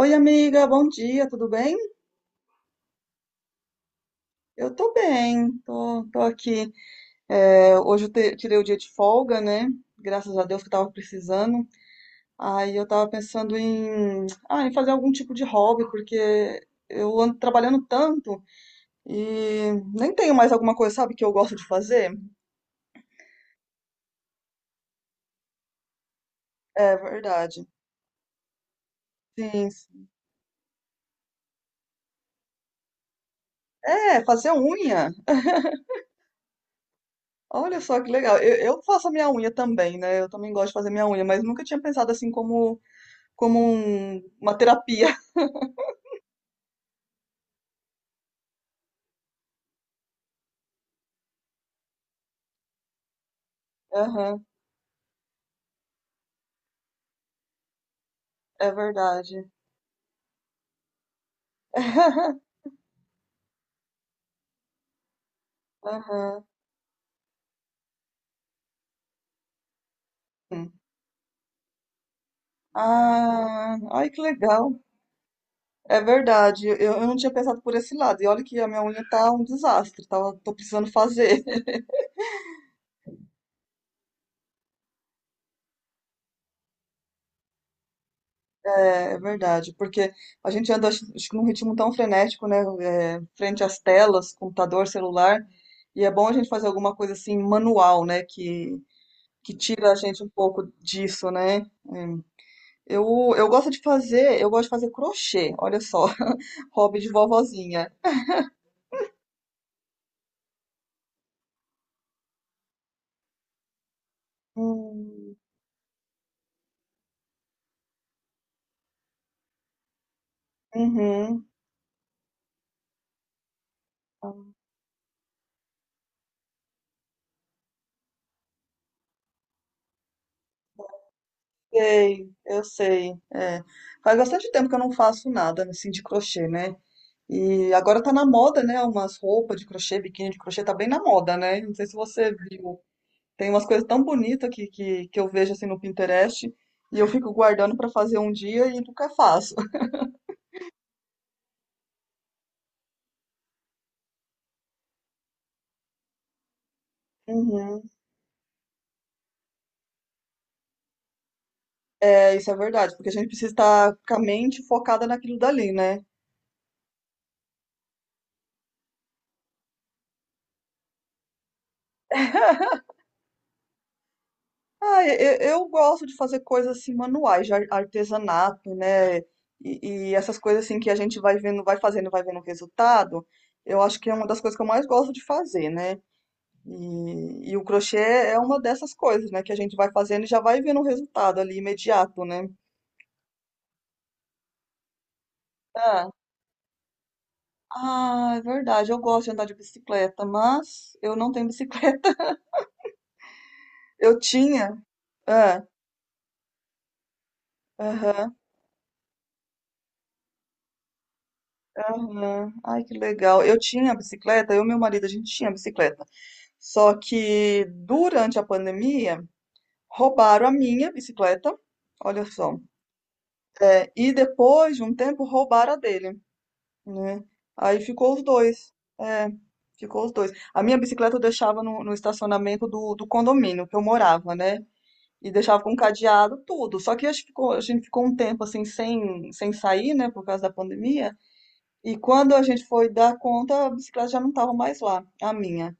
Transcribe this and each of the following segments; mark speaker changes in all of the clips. Speaker 1: Oi, amiga, bom dia, tudo bem? Eu tô bem, tô aqui. É, hoje eu tirei o dia de folga, né? Graças a Deus que eu tava precisando. Aí eu tava pensando em fazer algum tipo de hobby, porque eu ando trabalhando tanto e nem tenho mais alguma coisa, sabe, que eu gosto de fazer? É verdade. Sim, sim. É, fazer unha. Olha só que legal. Eu faço a minha unha também, né? Eu também gosto de fazer minha unha, mas nunca tinha pensado assim como uma terapia. Aham, é verdade. Aham. Sim. Ah, ai que legal. É verdade. Eu não tinha pensado por esse lado. E olha que a minha unha tá um desastre, tá? Tô precisando fazer. É, é verdade, porque a gente anda acho que num ritmo tão frenético, né? É, frente às telas, computador, celular. E é bom a gente fazer alguma coisa assim manual, né? Que tira a gente um pouco disso, né? Eu, eu gosto de fazer, eu gosto de fazer crochê, olha só, hobby de vovozinha. Hum, uhum. Sei, eu sei. É. Faz bastante tempo que eu não faço nada, né, assim de crochê, né? E agora tá na moda, né? Umas roupas de crochê, biquíni de crochê, tá bem na moda, né? Não sei se você viu. Tem umas coisas tão bonitas que eu vejo assim no Pinterest e eu fico guardando pra fazer um dia e nunca faço. Uhum. É, isso é verdade, porque a gente precisa estar com a mente focada naquilo dali, né? Ah, eu gosto de fazer coisas assim manuais, de artesanato, né? E essas coisas assim que a gente vai vendo, vai fazendo, vai vendo o resultado. Eu acho que é uma das coisas que eu mais gosto de fazer, né? E o crochê é uma dessas coisas, né? Que a gente vai fazendo e já vai vendo o resultado ali imediato, né? Ah, ah, é verdade. Eu gosto de andar de bicicleta, mas eu não tenho bicicleta. Eu tinha. Ah, aham, aham. Ai, que legal. Eu tinha bicicleta, eu e meu marido, a gente tinha bicicleta. Só que durante a pandemia roubaram a minha bicicleta, olha só, é, e depois de um tempo roubaram a dele, né? Aí ficou os dois, é, ficou os dois. A minha bicicleta eu deixava no estacionamento do condomínio que eu morava, né? E deixava com cadeado tudo. Só que a gente ficou um tempo assim sem sair, né, por causa da pandemia. E quando a gente foi dar conta, a bicicleta já não estava mais lá, a minha.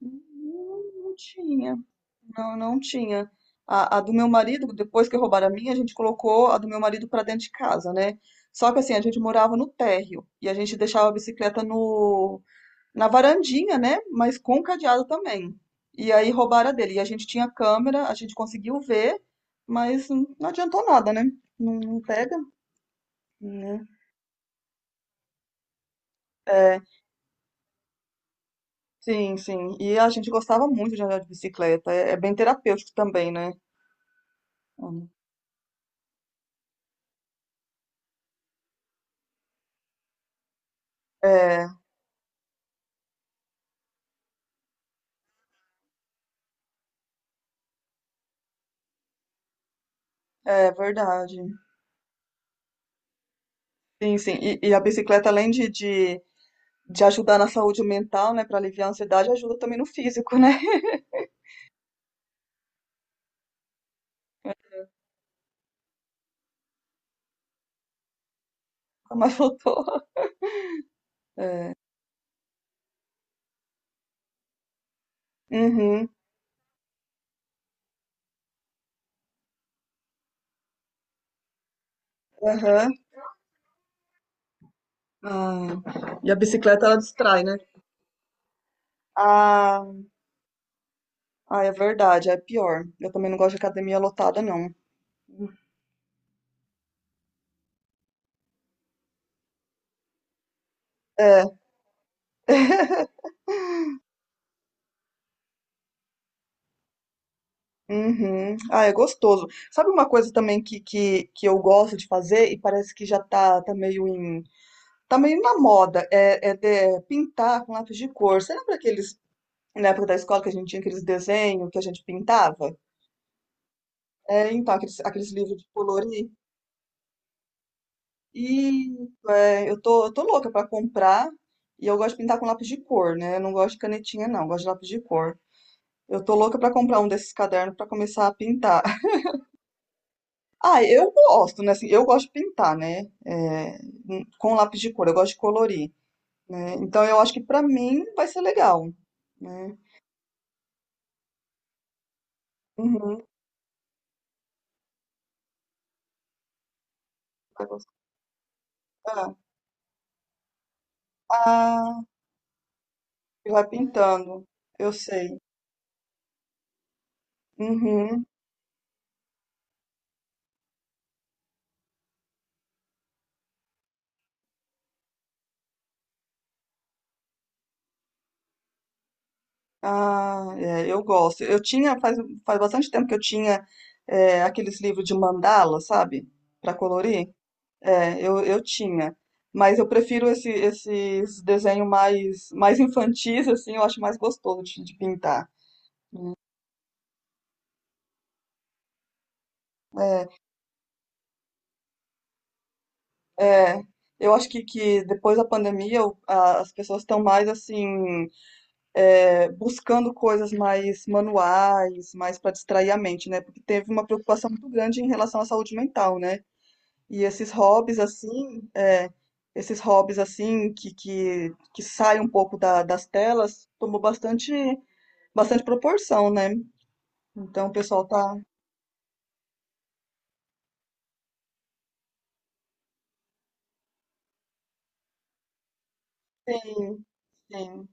Speaker 1: Não, não tinha. Não, não tinha. A do meu marido, depois que roubaram a minha, a gente colocou a do meu marido pra dentro de casa, né? Só que assim, a gente morava no térreo e a gente deixava a bicicleta no, na varandinha, né? Mas com cadeado também. E aí roubaram a dele. E a gente tinha câmera, a gente conseguiu ver, mas não adiantou nada, né? Não, não pega, né? É, sim, sim. E a gente gostava muito de andar de bicicleta. É, é bem terapêutico também, né? É. É verdade. Sim, sim. E a bicicleta, além de ajudar na saúde mental, né, para aliviar a ansiedade, ajuda também no físico, né? Como ela faltou. Uhum, aham. Ah, e a bicicleta, ela distrai, né? Ah, ah, é verdade, é pior. Eu também não gosto de academia lotada, não. É, uhum. Ah, é gostoso. Sabe uma coisa também que eu gosto de fazer e parece que já tá meio em. Tá meio na moda, é é pintar com lápis de cor. Você lembra aqueles na época da escola que a gente tinha aqueles desenhos que a gente pintava. É, então, aqueles livros de colorir. E é, eu tô louca pra comprar. E eu gosto de pintar com lápis de cor, né? Eu não gosto de canetinha, não. Eu gosto de lápis de cor. Eu tô louca pra comprar um desses cadernos pra começar a pintar. Ah, eu gosto, né? Assim, eu gosto de pintar, né? É, com lápis de cor. Eu gosto de colorir, né? Então, eu acho que pra mim vai ser legal, né? Uhum, vai gostar. Ah, e vai pintando. Eu sei. Uhum. Ah, é, eu gosto. Faz bastante tempo que eu tinha aqueles livros de mandala, sabe? Para colorir. É, eu tinha. Mas eu prefiro esses desenhos mais infantis, assim, eu acho mais gostoso de pintar. É, eu acho que depois da pandemia as pessoas estão mais, assim, é, buscando coisas mais manuais, mais para distrair a mente, né? Porque teve uma preocupação muito grande em relação à saúde mental, né? E esses hobbies assim, é, esses hobbies assim que saem um pouco das telas, tomou bastante proporção, né? Então o pessoal tá. Sim, sim,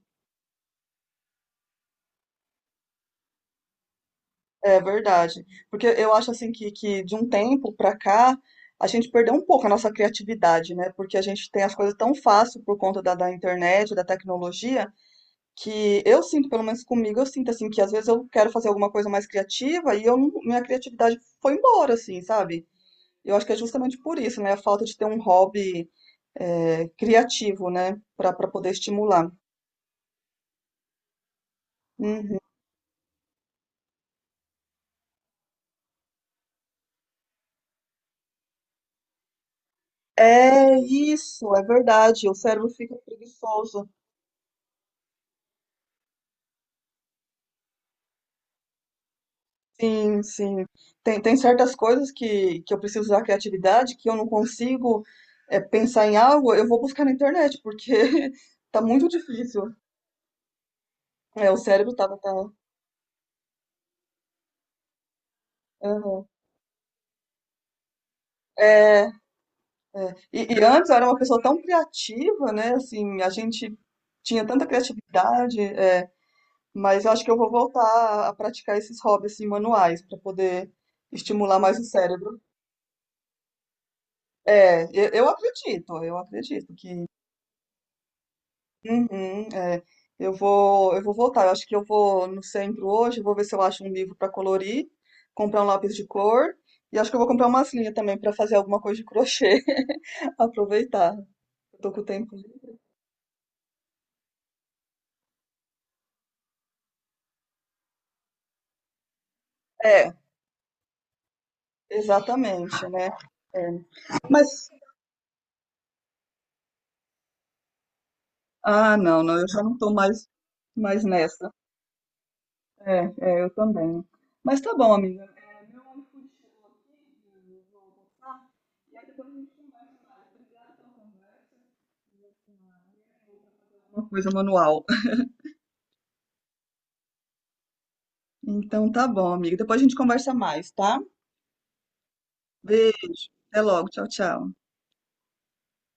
Speaker 1: é verdade. Porque eu acho assim que de um tempo pra cá a gente perdeu um pouco a nossa criatividade, né? Porque a gente tem as coisas tão fácil por conta da internet, da tecnologia, que eu sinto, pelo menos comigo, eu sinto assim que às vezes eu quero fazer alguma coisa mais criativa e eu minha criatividade foi embora, assim, sabe? Eu acho que é justamente por isso, né? A falta de ter um hobby é, criativo, né? Para para poder estimular. Uhum. É isso, é verdade. O cérebro fica preguiçoso. Sim, sim. Tem certas coisas que eu preciso usar a criatividade, que eu não consigo é, pensar em algo, eu vou buscar na internet, porque tá muito difícil. É, tá. Aham. É, é. E antes eu era uma pessoa tão criativa, né? Assim, a gente tinha tanta criatividade. É, mas eu acho que eu vou voltar a praticar esses hobbies assim, manuais para poder estimular mais o cérebro. É, eu acredito que uhum, é. Eu vou voltar. Eu acho que eu vou no centro hoje, vou ver se eu acho um livro para colorir, comprar um lápis de cor e acho que eu vou comprar umas linhas também para fazer alguma coisa de crochê, aproveitar. Eu tô com o tempo livre. É, exatamente, né? É. Mas ah, não, não, eu já não tô mais nessa. É, é, eu também. Mas tá bom, amiga. É, meu iFood chegou aqui, eu vou almoçar, e aí depois a gente conversa mais. Obrigada pela conversa, que eu uma coisa manual. Então tá bom, amiga. Depois a gente conversa mais, tá? Beijo. Até logo. Tchau, tchau.